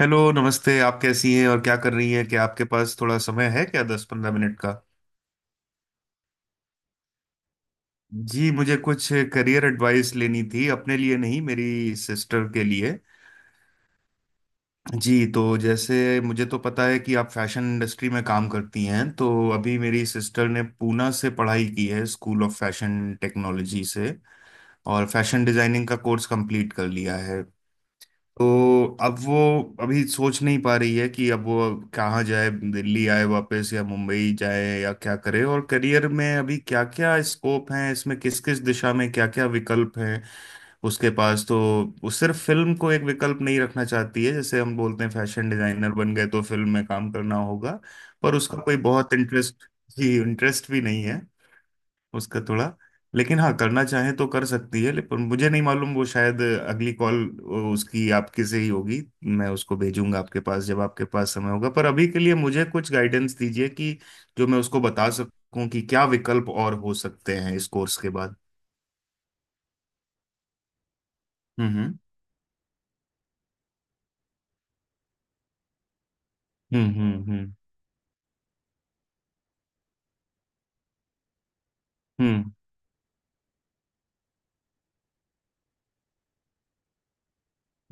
Hello नमस्ते। आप कैसी हैं और क्या कर रही हैं? क्या आपके पास थोड़ा समय है, क्या 10-15 मिनट का? जी मुझे कुछ करियर एडवाइस लेनी थी, अपने लिए नहीं, मेरी सिस्टर के लिए। जी तो जैसे मुझे तो पता है कि आप फैशन इंडस्ट्री में काम करती हैं। तो अभी मेरी सिस्टर ने पूना से पढ़ाई की है, स्कूल ऑफ फैशन टेक्नोलॉजी से, और फैशन डिजाइनिंग का कोर्स कंप्लीट कर लिया है। तो अब वो अभी सोच नहीं पा रही है कि अब वो कहाँ जाए, दिल्ली आए वापस या मुंबई जाए, या क्या करे। और करियर में अभी क्या क्या स्कोप हैं इसमें, किस किस दिशा में क्या क्या विकल्प हैं उसके पास। तो वो सिर्फ फिल्म को एक विकल्प नहीं रखना चाहती है, जैसे हम बोलते हैं फैशन डिजाइनर बन गए तो फिल्म में काम करना होगा। पर उसका कोई बहुत इंटरेस्ट, जी इंटरेस्ट भी नहीं है उसका थोड़ा। लेकिन हाँ, करना चाहे तो कर सकती है, लेकिन मुझे नहीं मालूम, वो शायद अगली कॉल उसकी आपके से ही होगी। मैं उसको भेजूंगा आपके पास जब आपके पास समय होगा। पर अभी के लिए मुझे कुछ गाइडेंस दीजिए कि जो मैं उसको बता सकूं कि क्या विकल्प और हो सकते हैं इस कोर्स के बाद। हम्म हम्म हम्म हम्म हम्म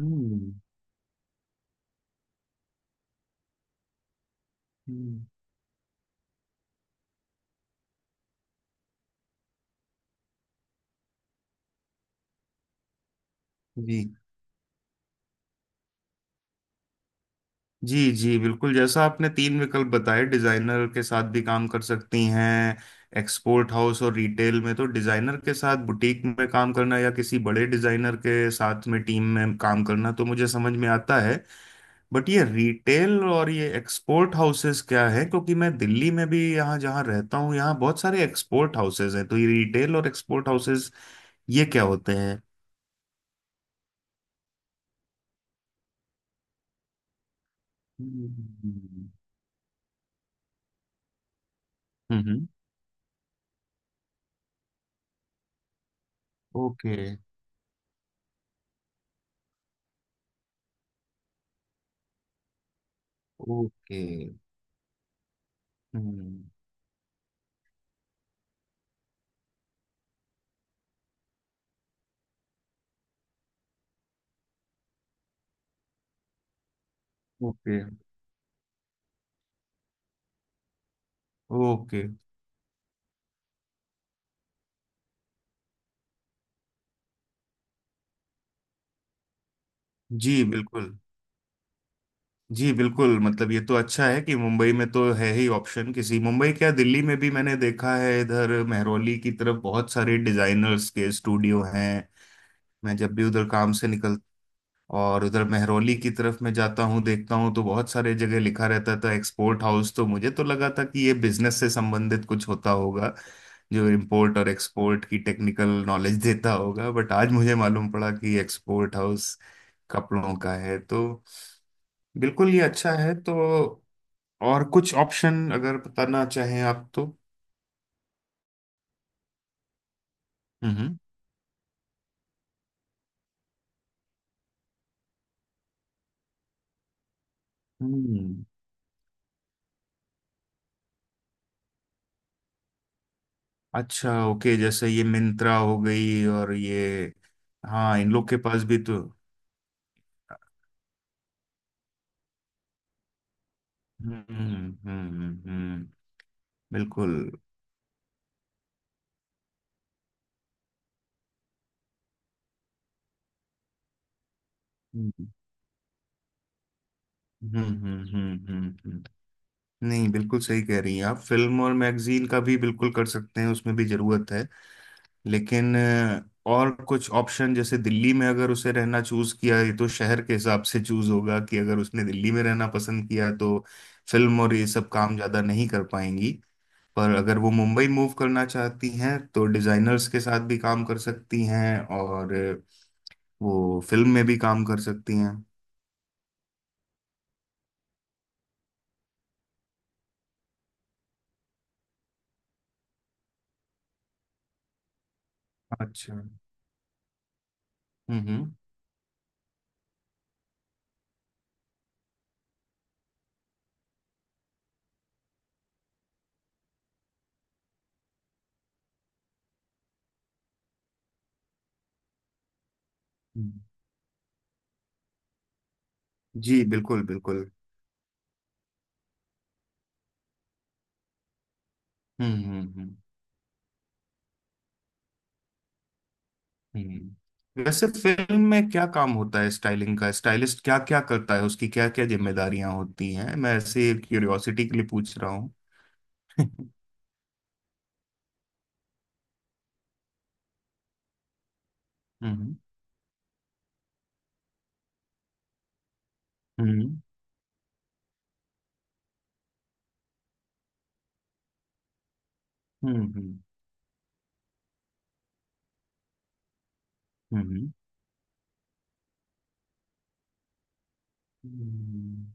हम्म हम्म, हम्म। जी जी बिल्कुल, जैसा आपने तीन विकल्प बताए, डिजाइनर के साथ भी काम कर सकती हैं, एक्सपोर्ट हाउस और रिटेल में। तो डिजाइनर के साथ बुटीक में काम करना या किसी बड़े डिजाइनर के साथ में टीम में काम करना, तो मुझे समझ में आता है। बट ये रिटेल और ये एक्सपोर्ट हाउसेस क्या है, क्योंकि मैं दिल्ली में भी, यहाँ जहाँ रहता हूँ, यहाँ बहुत सारे एक्सपोर्ट हाउसेस हैं। तो ये रिटेल और एक्सपोर्ट हाउसेस ये क्या होते हैं? हम्म हम्म। Okay okay. हम्म, okay, okay, हम्म, ओके। जी बिल्कुल। जी बिल्कुल मतलब ये तो अच्छा है कि मुंबई में तो है ही ऑप्शन, किसी मुंबई क्या, दिल्ली में भी मैंने देखा है, इधर मेहरौली की तरफ बहुत सारे डिजाइनर्स के स्टूडियो हैं। मैं जब भी उधर काम से और उधर महरौली की तरफ मैं जाता हूँ, देखता हूँ, तो बहुत सारे जगह लिखा रहता था एक्सपोर्ट हाउस। तो मुझे तो लगा था कि ये बिजनेस से संबंधित कुछ होता होगा, जो इंपोर्ट और एक्सपोर्ट की टेक्निकल नॉलेज देता होगा। बट आज मुझे मालूम पड़ा कि एक्सपोर्ट हाउस कपड़ों का है। तो बिल्कुल ये अच्छा है। तो और कुछ ऑप्शन अगर बताना चाहें आप तो। हम्म हम्म। अच्छा ओके, जैसे ये मिंत्रा हो गई और ये, हाँ इन लोग के पास भी तो। हम्म हम्म हम्म हम्म, बिल्कुल। हम्म हम्म हम्म हम्म हम्म, हम्म। नहीं, बिल्कुल सही कह रही हैं आप। फिल्म और मैगजीन का भी बिल्कुल कर सकते हैं, उसमें भी जरूरत है। लेकिन और कुछ ऑप्शन, जैसे दिल्ली में अगर उसे रहना चूज किया, ये तो शहर के हिसाब से चूज होगा कि अगर उसने दिल्ली में रहना पसंद किया तो फिल्म और ये सब काम ज्यादा नहीं कर पाएंगी। पर अगर वो मुंबई मूव करना चाहती हैं तो डिजाइनर्स के साथ भी काम कर सकती हैं और वो फिल्म में भी काम कर सकती हैं। अच्छा हम्म। हम्म हम्म, जी बिल्कुल बिल्कुल। हम्म हम्म हम्म, वैसे फिल्म में क्या काम होता है स्टाइलिंग का, स्टाइलिस्ट क्या क्या करता है, उसकी क्या क्या जिम्मेदारियां होती हैं? मैं ऐसे क्यूरियोसिटी के लिए पूछ रहा हूँ। हम्म हम्म हम्म हम्म हम्म हम्म। हम्म।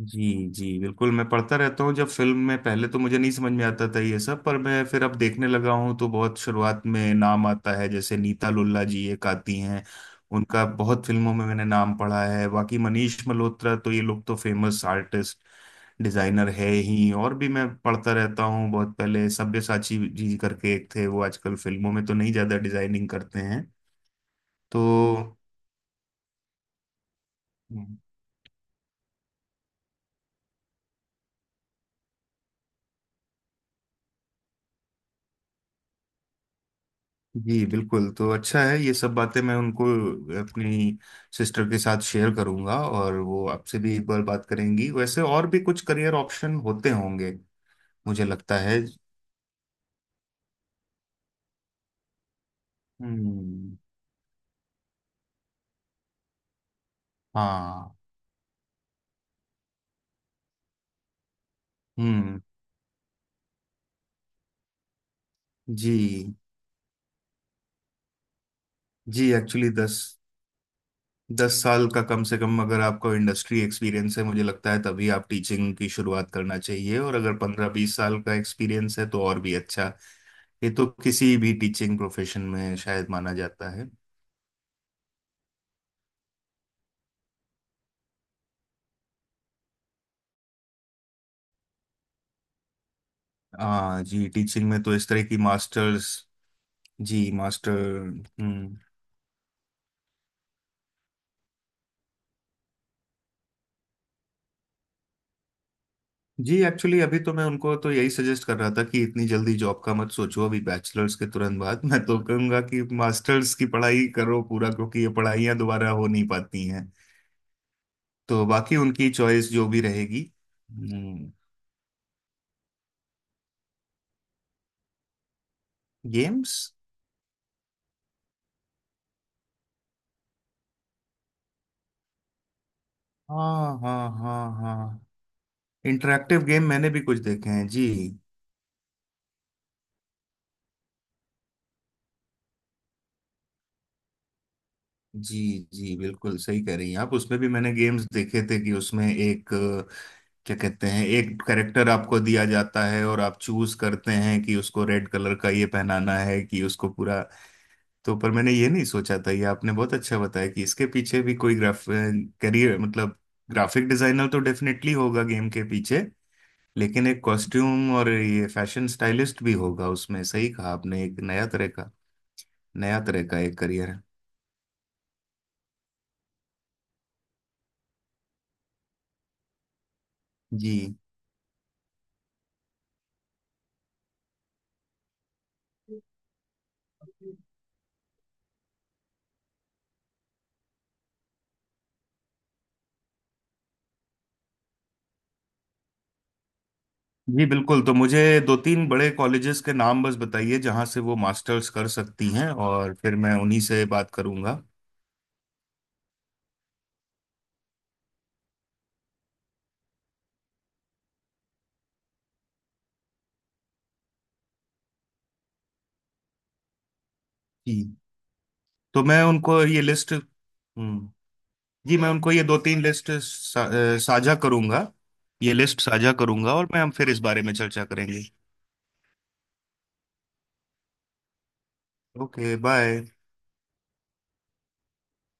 जी जी बिल्कुल। मैं पढ़ता रहता हूँ जब फिल्म में, पहले तो मुझे नहीं समझ में आता था ये सब, पर मैं फिर अब देखने लगा हूँ तो बहुत शुरुआत में नाम आता है जैसे नीता लुल्ला जी एक आती हैं। उनका बहुत फिल्मों में मैंने नाम पढ़ा है। बाकी मनीष मल्होत्रा, तो ये लोग तो फेमस आर्टिस्ट डिजाइनर है ही। और भी मैं पढ़ता रहता हूँ, बहुत पहले सब्यसाची जी करके एक थे, वो आजकल फिल्मों में तो नहीं ज्यादा डिजाइनिंग करते हैं। तो जी बिल्कुल, तो अच्छा है ये सब बातें मैं उनको, अपनी सिस्टर के साथ शेयर करूंगा और वो आपसे भी एक बार बात करेंगी। वैसे और भी कुछ करियर ऑप्शन होते होंगे मुझे लगता है। हम्म। हाँ। हम्म। जी जी एक्चुअली दस दस साल का कम से कम अगर आपको इंडस्ट्री एक्सपीरियंस है मुझे लगता है तभी आप टीचिंग की शुरुआत करना चाहिए, और अगर 15-20 साल का एक्सपीरियंस है तो और भी अच्छा। ये तो किसी भी टीचिंग प्रोफेशन में शायद माना जाता है। हाँ जी, टीचिंग में तो इस तरह की मास्टर्स। जी मास्टर। हम्म। जी एक्चुअली अभी तो मैं उनको तो यही सजेस्ट कर रहा था कि इतनी जल्दी जॉब का मत सोचो, अभी बैचलर्स के तुरंत बाद मैं तो कहूँगा कि मास्टर्स की पढ़ाई करो पूरा, क्योंकि ये पढ़ाइयाँ दोबारा हो नहीं पाती हैं। तो बाकी उनकी चॉइस जो भी रहेगी। हम्म। गेम्स? हाँ हाँ हाँ हाँ। इंटरेक्टिव गेम मैंने भी कुछ देखे हैं जी। जी जी बिल्कुल सही कह रही हैं आप, उसमें भी मैंने गेम्स देखे थे कि उसमें एक क्या कहते हैं, एक करेक्टर आपको दिया जाता है और आप चूज करते हैं कि उसको रेड कलर का ये पहनाना है कि उसको पूरा। तो पर मैंने ये नहीं सोचा था, ये आपने बहुत अच्छा बताया कि इसके पीछे भी कोई ग्राफ करियर मतलब ग्राफिक डिजाइनर तो डेफिनेटली होगा गेम के पीछे, लेकिन एक कॉस्ट्यूम और ये फैशन स्टाइलिस्ट भी होगा उसमें। सही कहा आपने, एक नया तरह का, नया तरह का एक करियर है। जी जी बिल्कुल। तो मुझे दो तीन बड़े कॉलेजेस के नाम बस बताइए जहां से वो मास्टर्स कर सकती हैं और फिर मैं उन्हीं से बात करूंगा। जी तो मैं उनको ये लिस्ट। हम्म। जी मैं उनको ये दो तीन लिस्ट साझा करूंगा। ये लिस्ट साझा करूंगा और मैं हम फिर इस बारे में चर्चा करेंगे। Okay bye.